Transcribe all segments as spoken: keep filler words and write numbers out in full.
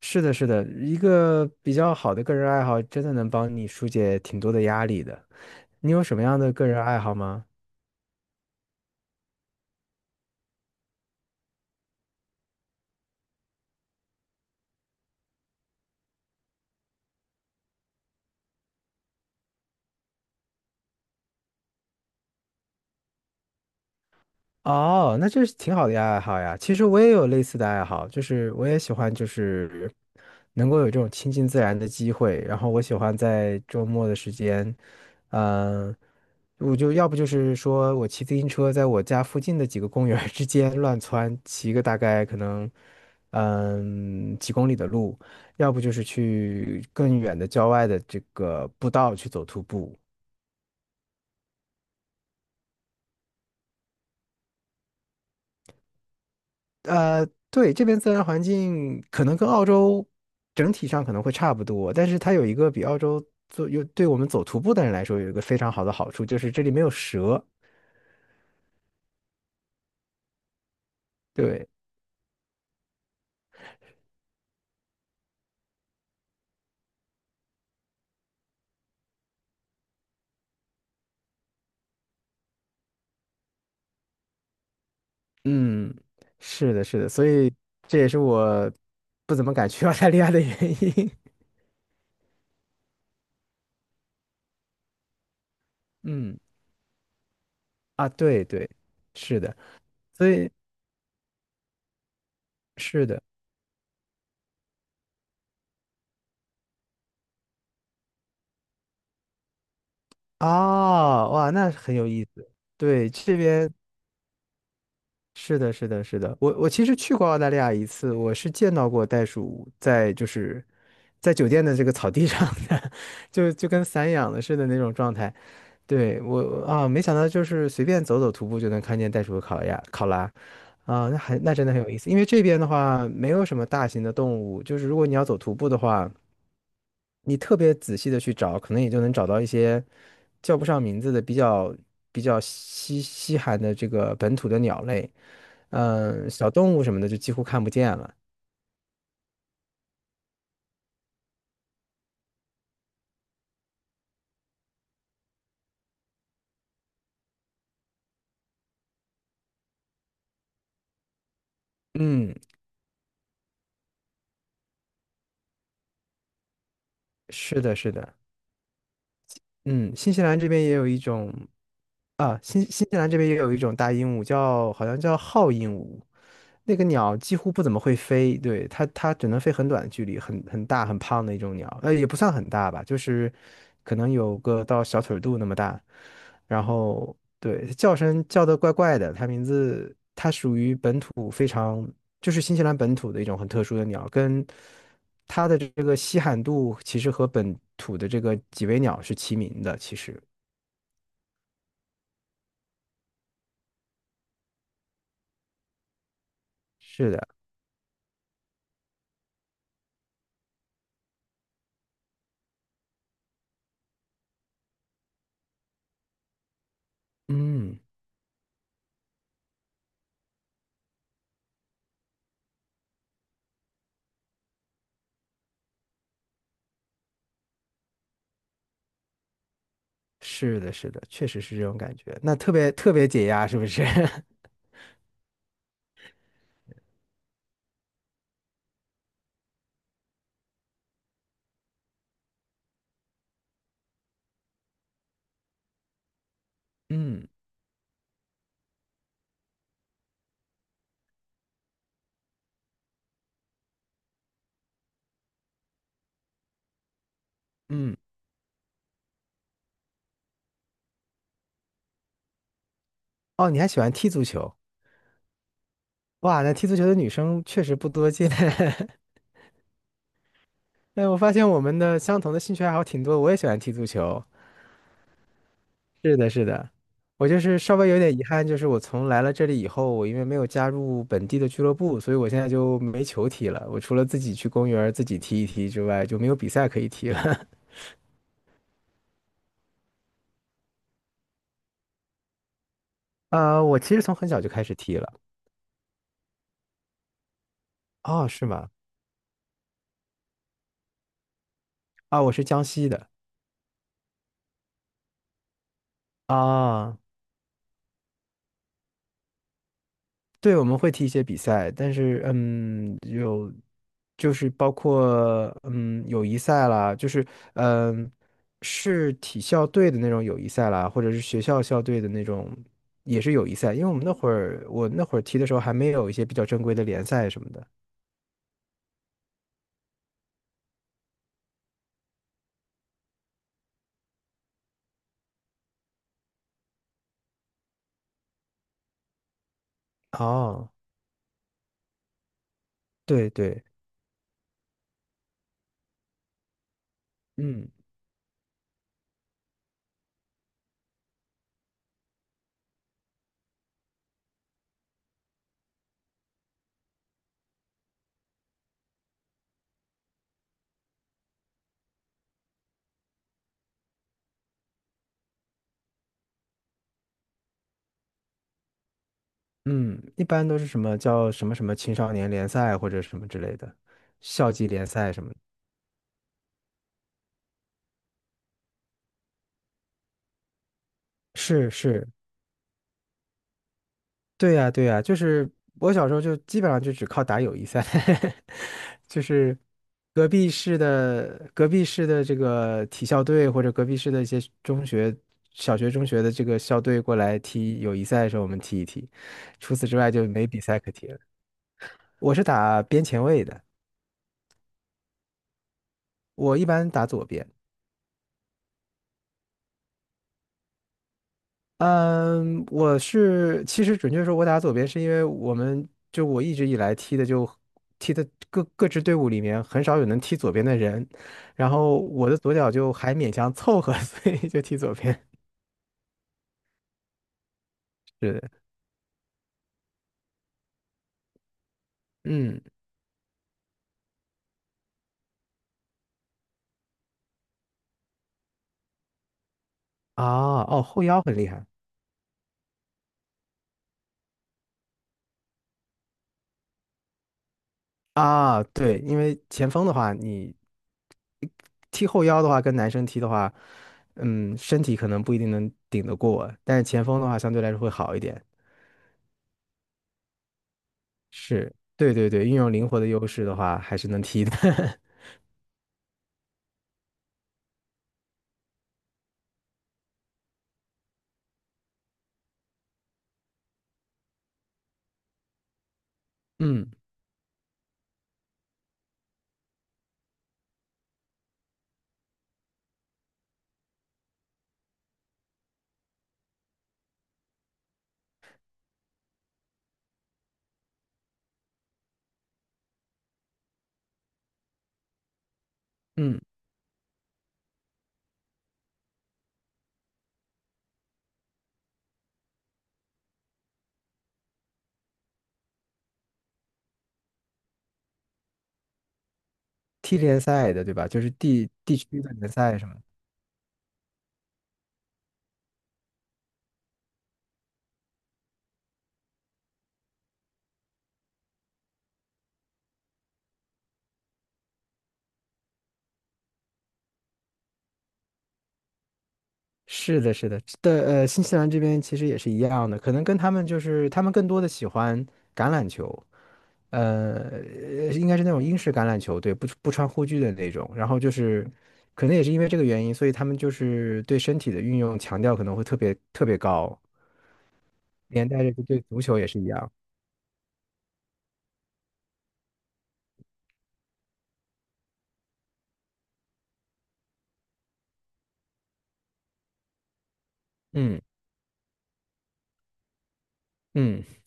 是的，是的，一个比较好的个人爱好，真的能帮你疏解挺多的压力的。你有什么样的个人爱好吗？哦，那这是挺好的呀，爱好呀。其实我也有类似的爱好，就是我也喜欢，就是能够有这种亲近自然的机会。然后我喜欢在周末的时间，嗯、我就要不就是说我骑自行车在我家附近的几个公园儿之间乱窜，骑个大概可能嗯几公里的路，要不就是去更远的郊外的这个步道去走徒步。呃，对，这边自然环境可能跟澳洲整体上可能会差不多，但是它有一个比澳洲做有对我们走徒步的人来说有一个非常好的好处，就是这里没有蛇。对，嗯，是的，是的，所以这也是我不怎么敢去 澳大利亚的原因。嗯，啊，对对，是的，所以是的，啊，哇，那很有意思。对，这边。是的，是的，是的，我我其实去过澳大利亚一次，我是见到过袋鼠在就是在酒店的这个草地 上的，就就跟散养的似的那种状态。对，我啊，没想到就是随便走走徒步就能看见袋鼠和考亚考拉啊，那还那真的很有意思。因为这边的话没有什么大型的动物，就是如果你要走徒步的话，你特别仔细的去找，可能也就能找到一些叫不上名字的比较比较稀稀罕的这个本土的鸟类。嗯，小动物什么的就几乎看不见了。嗯，是的，是的。嗯，新西兰这边也有一种。啊，新新西兰这边也有一种大鹦鹉叫，好像叫号鹦鹉，那个鸟几乎不怎么会飞，对，它它只能飞很短的距离，很很大很胖的一种鸟，呃，也不算很大吧，就是可能有个到小腿肚那么大，然后对，叫声叫的怪怪的，它名字它属于本土非常就是新西兰本土的一种很特殊的鸟，跟它的这个稀罕度其实和本土的这个几维鸟是齐名的，其实是的。嗯，是的，是的，确实是这种感觉，那特别特别解压，是不是？嗯嗯，哦，你还喜欢踢足球？哇，那踢足球的女生确实不多见。哎，我发现我们的相同的兴趣爱好挺多，我也喜欢踢足球。是的，是的，我就是稍微有点遗憾，就是我从来了这里以后，我因为没有加入本地的俱乐部，所以我现在就没球踢了。我除了自己去公园儿自己踢一踢之外，就没有比赛可以踢了。呃，我其实从很小就开始踢了。哦，是吗？啊，我是江西的。啊，对，我们会踢一些比赛，但是嗯，有就是包括嗯友谊赛啦，就是嗯是体校队的那种友谊赛啦，或者是学校校队的那种也是友谊赛，因为我们那会儿我那会儿踢的时候还没有一些比较正规的联赛什么的。哦，对对，嗯嗯，一般都是什么叫什么什么青少年联赛或者什么之类的，校级联赛什么的。是是，对呀，对呀，就是我小时候就基本上就只靠打友谊赛，就是隔壁市的隔壁市的这个体校队或者隔壁市的一些中学、小学、中学的这个校队过来踢友谊赛的时候，我们踢一踢。除此之外就没比赛可踢了。我是打边前卫的，我一般打左边。嗯，我是其实准确说，我打左边是因为我们就我一直以来踢的就踢的各各支队伍里面很少有能踢左边的人，然后我的左脚就还勉强凑合，所以就踢左边。是的，嗯啊哦，后腰很厉害啊，对，因为前锋的话，你踢后腰的话，跟男生踢的话，嗯，身体可能不一定能顶得过，但是前锋的话相对来说会好一点。是，对对对，运用灵活的优势的话，还是能踢的。嗯嗯，踢联赛的对吧？就是地地区的联赛什么的是的，是的，的呃，新西兰这边其实也是一样的，可能跟他们就是他们更多的喜欢橄榄球，呃，应该是那种英式橄榄球，对，不不穿护具的那种。然后就是可能也是因为这个原因，所以他们就是对身体的运用强调可能会特别特别高，连带着就对足球也是一样。嗯嗯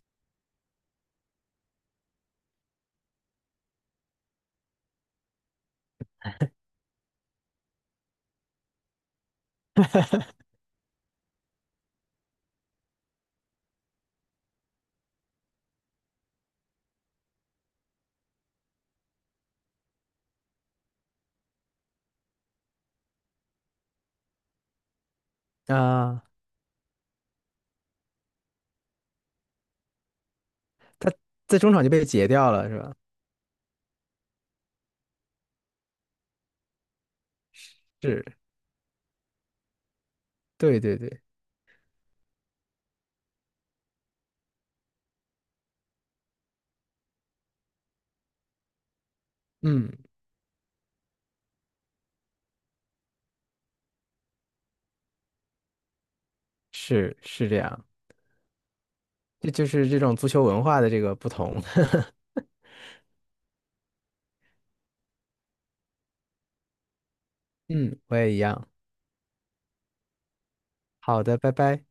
啊。他在中场就被截掉了，是吧？是，对对对，嗯，是是这样，这就是这种足球文化的这个不同。嗯，我也一样。好的，拜拜。